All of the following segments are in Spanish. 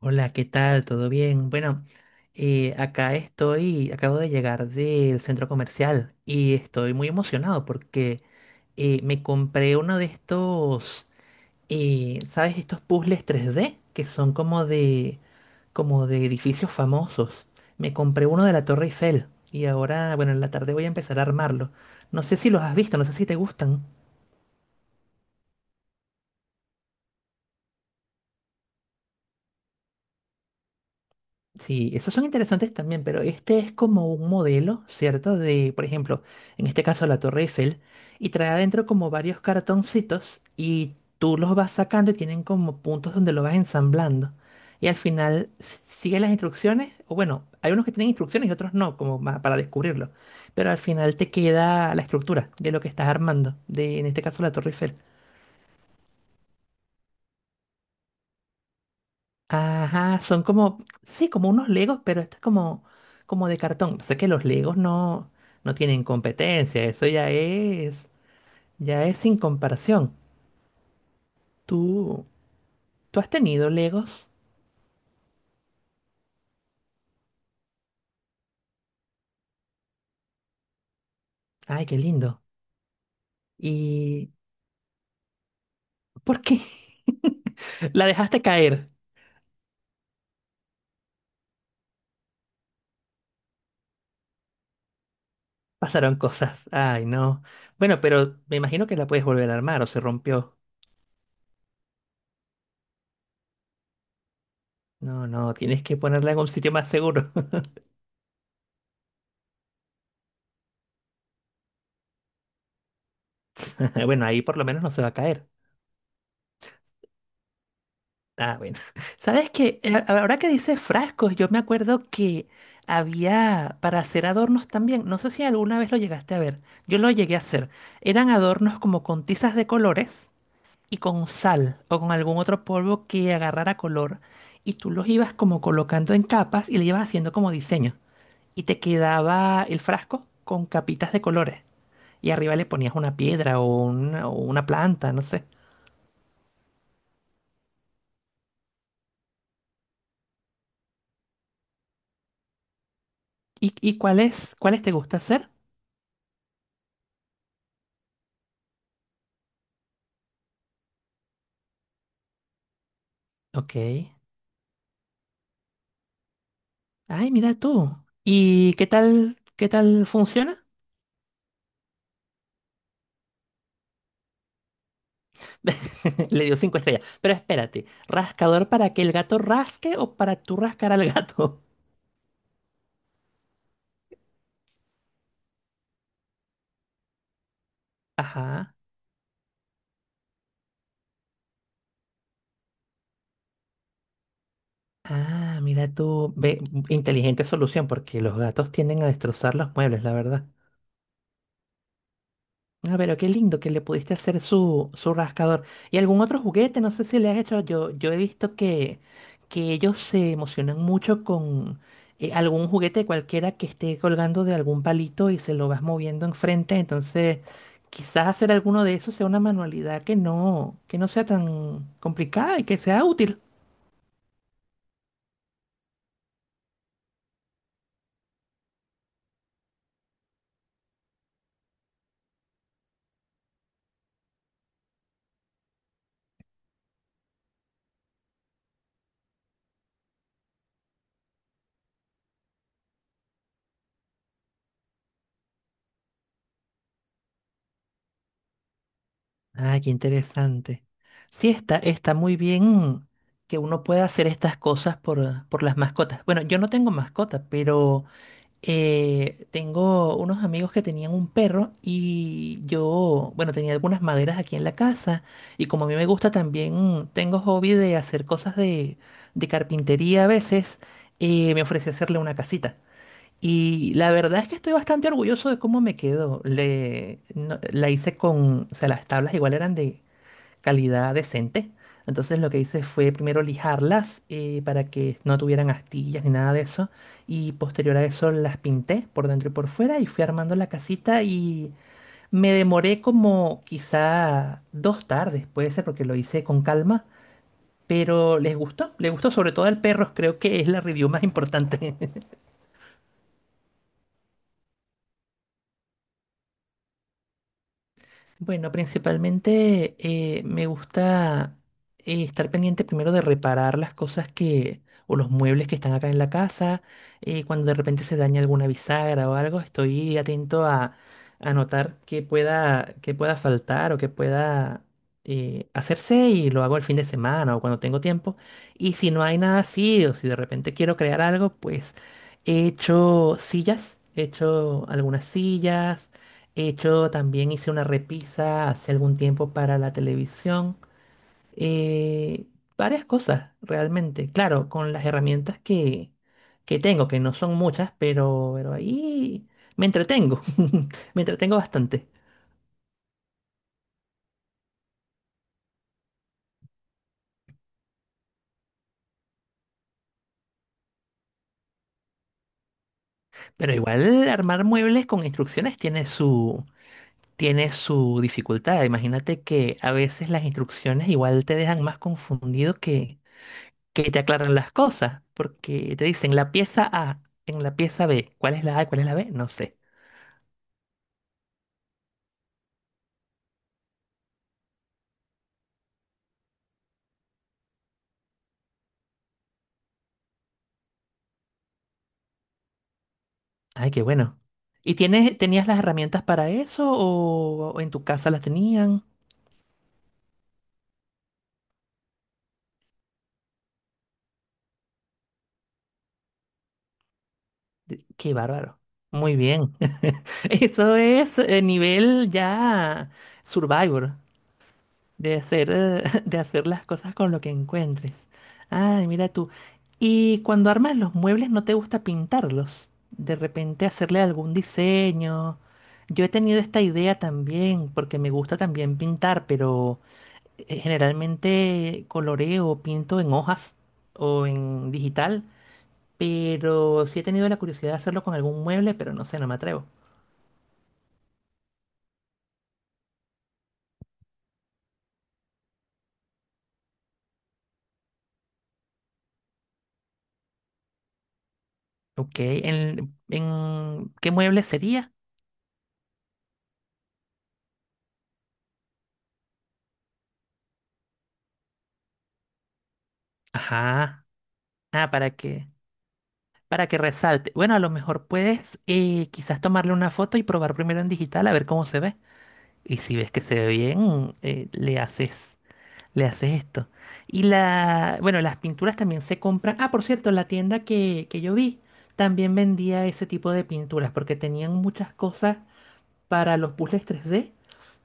Hola, ¿qué tal? ¿Todo bien? Bueno, acá estoy, acabo de llegar del centro comercial y estoy muy emocionado porque me compré uno de estos, ¿sabes? Estos puzzles 3D que son como de edificios famosos. Me compré uno de la Torre Eiffel y ahora, bueno, en la tarde voy a empezar a armarlo. No sé si los has visto, no sé si te gustan. Sí, esos son interesantes también, pero este es como un modelo, ¿cierto? De, por ejemplo, en este caso la Torre Eiffel, y trae adentro como varios cartoncitos y tú los vas sacando y tienen como puntos donde lo vas ensamblando. Y al final sigue las instrucciones, o bueno, hay unos que tienen instrucciones y otros no, como para descubrirlo. Pero al final te queda la estructura de lo que estás armando, de en este caso la Torre Eiffel. Ajá, son como, sí, como unos Legos, pero esto es como de cartón. Sé que los Legos no, no tienen competencia, eso ya es sin comparación. Tú, tú has tenido Legos. Ay, qué lindo. ¿Y por qué? La dejaste caer. Pasaron cosas. Ay, no. Bueno, pero me imagino que la puedes volver a armar o se rompió. No, no, tienes que ponerla en un sitio más seguro. Bueno, ahí por lo menos no se va a caer. Ah, bueno. ¿Sabes qué? Ahora que dices frascos, yo me acuerdo que había para hacer adornos también. No sé si alguna vez lo llegaste a ver. Yo lo llegué a hacer. Eran adornos como con tizas de colores y con sal o con algún otro polvo que agarrara color. Y tú los ibas como colocando en capas y le ibas haciendo como diseño. Y te quedaba el frasco con capitas de colores. Y arriba le ponías una piedra o una planta, no sé. ¿Y cuáles te gusta hacer? Ok. Ay, mira tú. ¿Y qué tal funciona? Le dio cinco estrellas. Pero espérate, ¿rascador para que el gato rasque o para tú rascar al gato? Ajá. Ah, mira tú. Ve, inteligente solución, porque los gatos tienden a destrozar los muebles, la verdad. Ah, pero qué lindo que le pudiste hacer su rascador. ¿Y algún otro juguete? No sé si le has hecho. Yo he visto que, ellos se emocionan mucho con algún juguete cualquiera que esté colgando de algún palito y se lo vas moviendo enfrente. Entonces, quizás hacer alguno de esos sea una manualidad que no sea tan complicada y que sea útil. Ah, qué interesante. Sí, está muy bien que uno pueda hacer estas cosas por las mascotas. Bueno, yo no tengo mascotas, pero. Tengo unos amigos que tenían un perro y yo, bueno, tenía algunas maderas aquí en la casa y como a mí me gusta también, tengo hobby de hacer cosas de carpintería a veces, me ofrecí hacerle una casita. Y la verdad es que estoy bastante orgulloso de cómo me quedó. Le, no- la hice con, o sea, las tablas igual eran de calidad decente. Entonces lo que hice fue primero lijarlas para que no tuvieran astillas ni nada de eso. Y posterior a eso las pinté por dentro y por fuera y fui armando la casita y me demoré como quizá 2 tardes, puede ser porque lo hice con calma. Pero les gustó sobre todo al perro, creo que es la review más importante. Bueno, principalmente me gusta estar pendiente primero de reparar las cosas que, o los muebles que están acá en la casa. Cuando de repente se daña alguna bisagra o algo, estoy atento a notar qué pueda faltar o qué pueda hacerse y lo hago el fin de semana o cuando tengo tiempo. Y si no hay nada así, o si de repente quiero crear algo, pues he hecho sillas, he hecho algunas sillas. He hecho, también hice una repisa hace algún tiempo para la televisión. eh, Varias cosas, realmente. Claro, con las herramientas que, tengo, que no son muchas, pero ahí me entretengo. Me entretengo bastante. Pero igual armar muebles con instrucciones tiene su dificultad. Imagínate que a veces las instrucciones igual te dejan más confundido que, te aclaran las cosas, porque te dicen la pieza A, en la pieza B, ¿cuál es la A, cuál es la B? No sé. Ay, qué bueno. ¿Y tienes, tenías las herramientas para eso o en tu casa las tenían? Qué bárbaro. Muy bien. Eso es nivel ya Survivor. De hacer, de hacer las cosas con lo que encuentres. Ay, mira tú. Y cuando armas los muebles, ¿no te gusta pintarlos? De repente hacerle algún diseño. Yo he tenido esta idea también, porque me gusta también pintar, pero generalmente coloreo, pinto en hojas o en digital. Pero sí he tenido la curiosidad de hacerlo con algún mueble, pero no sé, no me atrevo. Ok, ¿en qué mueble sería? Ajá. Ah, ¿Para qué? Para que resalte. Bueno, a lo mejor puedes quizás tomarle una foto y probar primero en digital a ver cómo se ve. Y si ves que se ve bien, le haces esto. Y la, bueno, las pinturas también se compran. Ah, por cierto, la tienda que, yo vi también vendía ese tipo de pinturas porque tenían muchas cosas para los puzzles 3D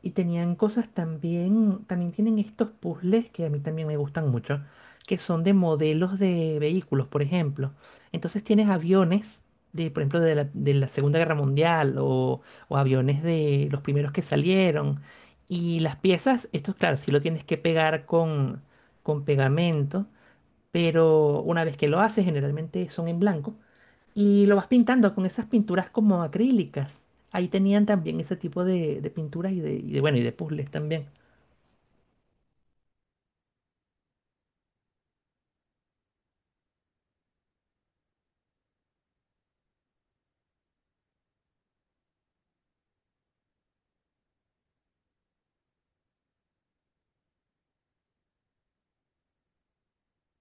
y tenían cosas también, también tienen estos puzzles que a mí también me gustan mucho, que son de modelos de vehículos, por ejemplo. Entonces tienes aviones de, por ejemplo, de la Segunda Guerra Mundial o, aviones de los primeros que salieron. Y las piezas, esto claro, sí lo tienes que pegar con pegamento, pero una vez que lo haces, generalmente son en blanco. Y lo vas pintando con esas pinturas como acrílicas. Ahí tenían también ese tipo de pinturas y de, bueno, y de puzzles también.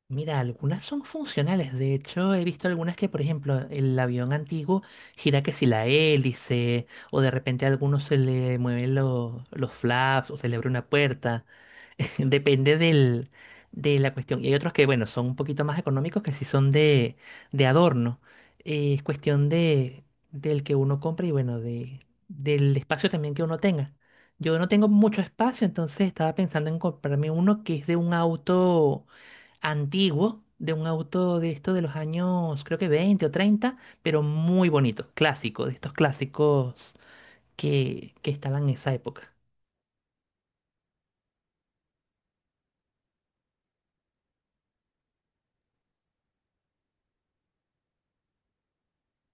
Mira, algunas son funcionales. De hecho, he visto algunas que, por ejemplo, el avión antiguo gira que si la hélice, o de repente a algunos se le mueven los flaps, o se le abre una puerta. Depende del, de la cuestión. Y hay otros que, bueno, son un poquito más económicos que sí son de, adorno. Es cuestión de, del que uno compre y, bueno, de, del espacio también que uno tenga. Yo no tengo mucho espacio, entonces estaba pensando en comprarme uno que es de un auto antiguo, de un auto de esto de los años, creo que 20 o 30 pero muy bonito, clásico, de estos clásicos que estaban en esa época.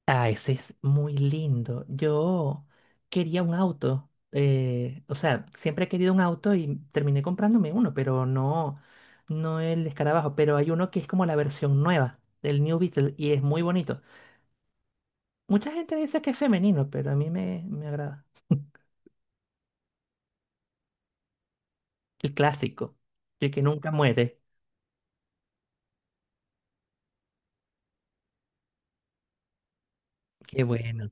Ah, ese es muy lindo. Yo quería un auto. O sea, siempre he querido un auto y terminé comprándome uno, pero no, no el escarabajo. Pero hay uno que es como la versión nueva del New Beetle y es muy bonito. Mucha gente dice que es femenino, pero a mí me agrada. El clásico, el que nunca muere. Qué bueno.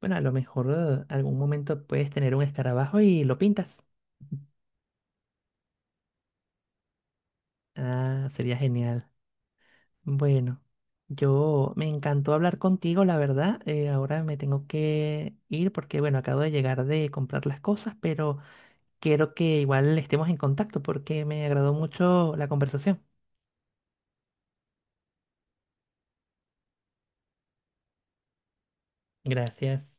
Bueno, a lo mejor algún momento puedes tener un escarabajo y lo pintas. Ah, sería genial. Bueno, yo me encantó hablar contigo, la verdad. Ahora me tengo que ir porque, bueno, acabo de llegar de comprar las cosas, pero quiero que igual estemos en contacto porque me agradó mucho la conversación. Gracias.